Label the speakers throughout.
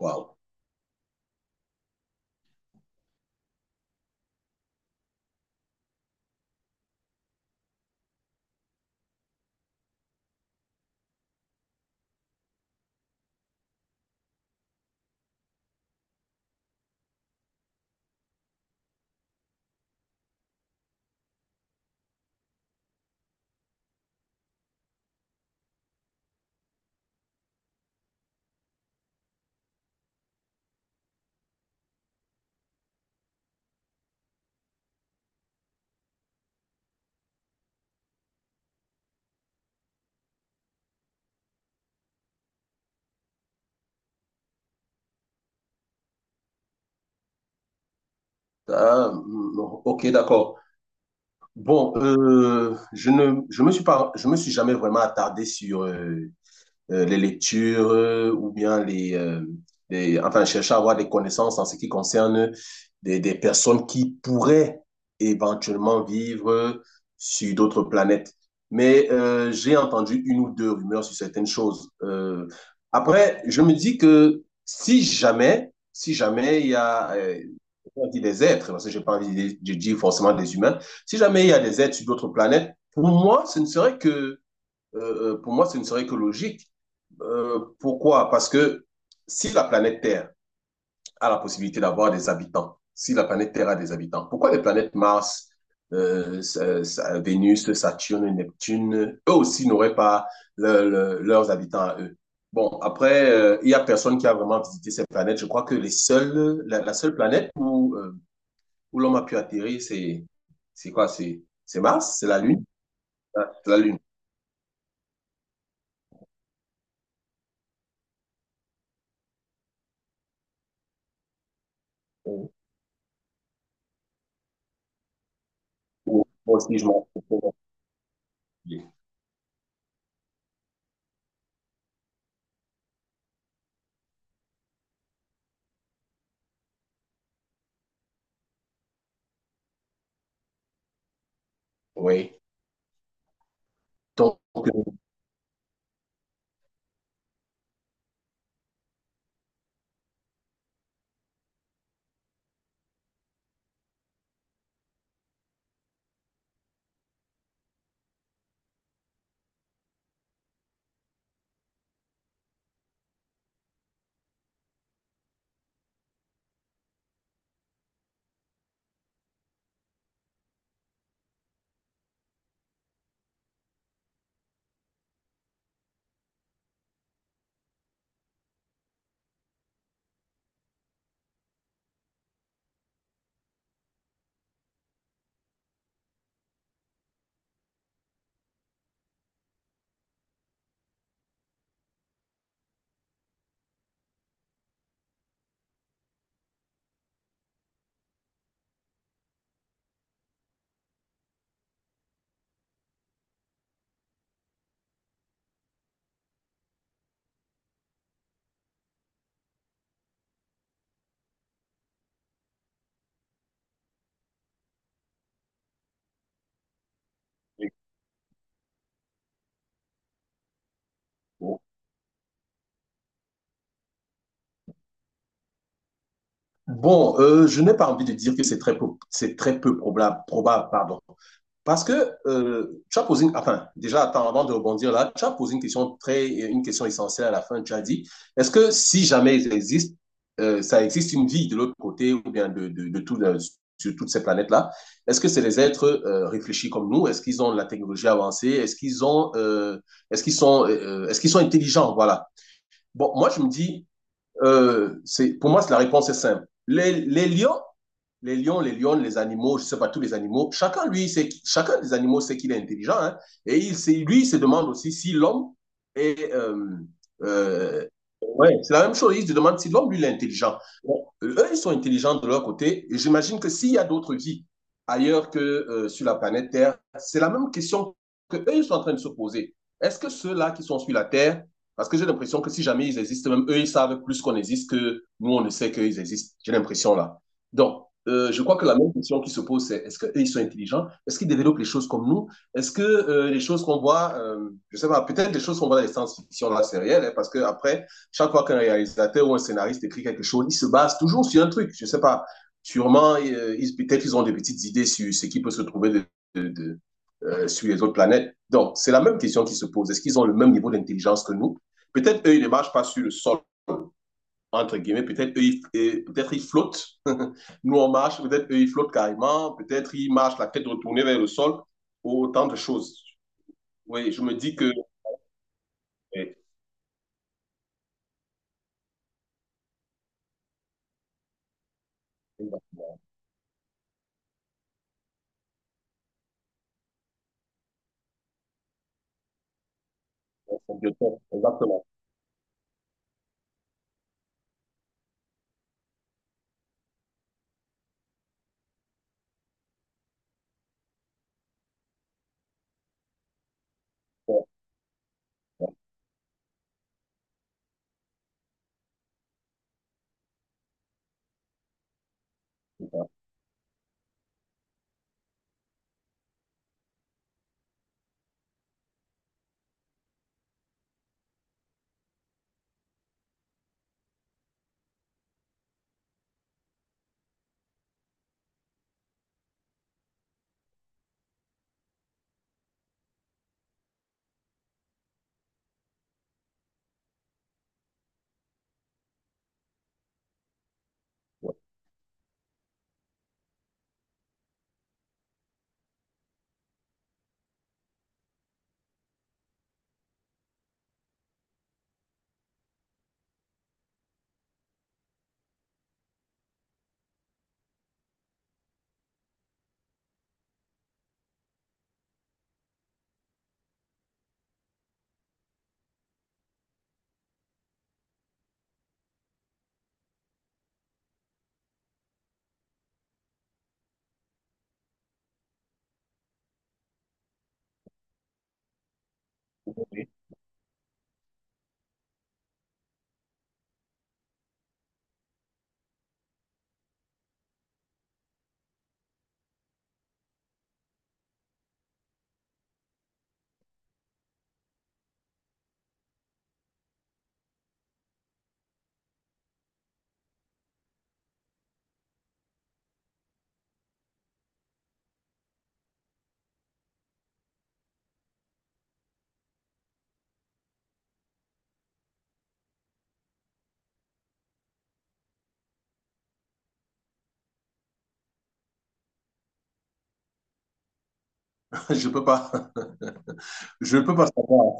Speaker 1: Waouh. Ah, mm, ok, d'accord. Bon, je me suis jamais vraiment attardé sur les lectures ou bien enfin, chercher à avoir des connaissances en ce qui concerne des personnes qui pourraient éventuellement vivre sur d'autres planètes. Mais j'ai entendu une ou deux rumeurs sur certaines choses. Après, je me dis que si jamais il y a, on dit des êtres, parce que je parle, je dis forcément des humains. Si jamais il y a des êtres sur d'autres planètes, pour moi, ce ne serait que, pour moi, ce ne serait que logique. Pourquoi? Parce que si la planète Terre a la possibilité d'avoir des habitants, si la planète Terre a des habitants, pourquoi les planètes Mars, euh, Vénus, Saturne, Neptune, eux aussi n'auraient pas leurs habitants à eux. Bon, après, il y a personne qui a vraiment visité ces planètes. Je crois que la seule planète où où l'homme a pu atterrir, c'est quoi? C'est Mars? C'est la Lune? Ah, c'est la Lune. Ou- Moi aussi, je m'en fous. Oui. Donc, euh, bon, je n'ai pas envie de dire que c'est très peu probable, probable, pardon. Parce que tu as posé, enfin, déjà, attends, avant de rebondir là, tu as posé une question essentielle à la fin. Tu as dit, est-ce que si jamais il existe, ça existe une vie de l'autre côté ou bien de tout, sur toutes ces planètes-là, est-ce que c'est des êtres réfléchis comme nous? Est-ce qu'ils ont de la technologie avancée? Est-ce qu'ils ont, est-ce qu'ils sont intelligents? Voilà. Bon, moi, je me dis, pour moi, la réponse est simple. Les lions, les animaux, je ne sais pas, tous les animaux, chacun des animaux sait qu'il est intelligent, hein. Et lui, il se demande aussi si l'homme est, euh, ouais, c'est la même chose. Ils se demandent si l'homme, lui, il est intelligent. Bon, eux, ils sont intelligents de leur côté. Et j'imagine que s'il y a d'autres vies ailleurs que sur la planète Terre, c'est la même question que eux, ils sont en train de se poser. Est-ce que ceux-là qui sont sur la Terre, parce que j'ai l'impression que si jamais ils existent, même eux, ils savent plus qu'on existe que nous, on ne sait qu'ils existent. J'ai l'impression là. Donc, je crois que la même question qui se pose, c'est est-ce qu'eux, ils sont intelligents? Est-ce qu'ils développent les choses comme nous? Est-ce que les choses qu'on voit, je sais pas, peut-être les choses qu'on voit dans les science-fiction, là, c'est réel, hein, parce qu'après, chaque fois qu'un réalisateur ou un scénariste écrit quelque chose, il se base toujours sur un truc. Je ne sais pas. Sûrement, peut-être ils ont des petites idées sur ce qui peut se trouver de, de, sur les autres planètes. Donc, c'est la même question qui se pose. Est-ce qu'ils ont le même niveau d'intelligence que nous? Peut-être eux, ils ne marchent pas sur le sol, entre guillemets. Peut-être peut-être ils flottent. Nous, on marche. Peut-être eux, ils flottent carrément. Peut-être ils marchent la tête retournée vers le sol. Autant de choses. Oui, je me dis que. eh, Exactement. Je peux pas. Je peux pas savoir.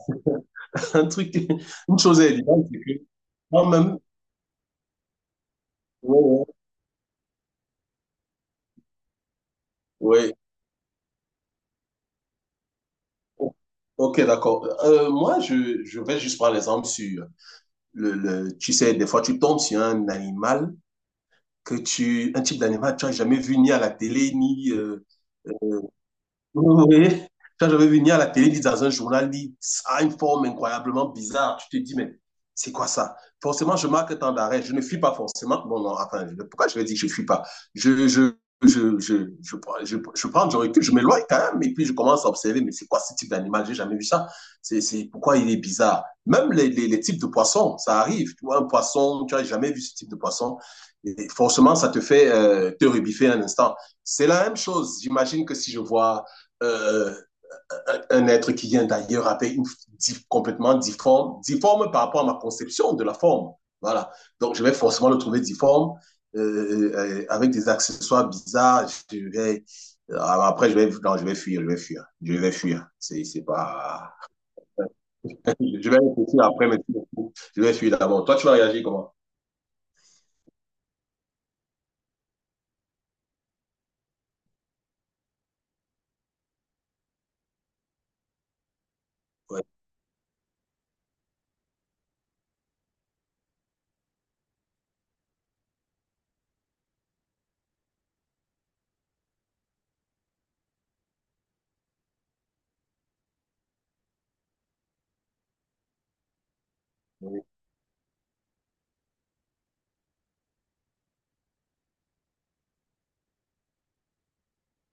Speaker 1: Un truc, une chose est évidente, c'est que moi-même, ouais, ouais, ouais. Ok, d'accord. Moi, je vais juste prendre l'exemple sur le, tu sais, des fois, tu tombes sur un animal un type d'animal que tu n'as jamais vu ni à la télé, ni, oui. Quand j'avais vu venir à la télé, lire dans un journal, lire ça a une forme incroyablement bizarre. Tu te dis, mais c'est quoi ça? Forcément, je marque tant d'arrêt. Je ne fuis pas forcément. Bon, non, attends, pourquoi je vais dire que je ne fuis pas? Je, je, je prends du recul, je m'éloigne quand même, et puis je commence à observer, mais c'est quoi ce type d'animal? J'ai jamais vu ça. C'est pourquoi il est bizarre. Même les types de poissons, ça arrive. Tu vois, un poisson, tu n'as jamais vu ce type de poisson. Et forcément, ça te fait te rebiffer un instant. C'est la même chose. J'imagine que si je vois euh, un être qui vient d'ailleurs avec une difforme par rapport à ma conception de la forme. Voilà. Donc, je vais forcément le trouver difforme, euh, avec des accessoires bizarres. Je vais, après, je vais, non, je vais fuir, je vais fuir, je vais fuir. C'est pas. Je vais réfléchir après, mais je vais fuir d'abord. Toi, tu vas réagir comment? Oui,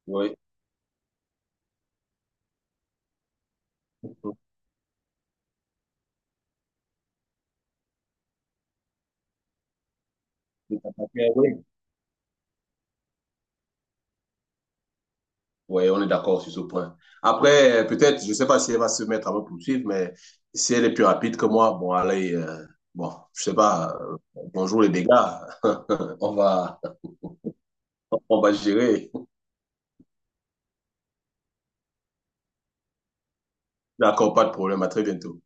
Speaker 1: oui, oui. Oui, on est d'accord sur ce point. Après, peut-être, je ne sais pas si elle va se mettre à me poursuivre, mais si elle est plus rapide que moi, bon, allez, bon, je sais pas, bonjour les dégâts, on va, on va gérer. D'accord, pas de problème, à très bientôt.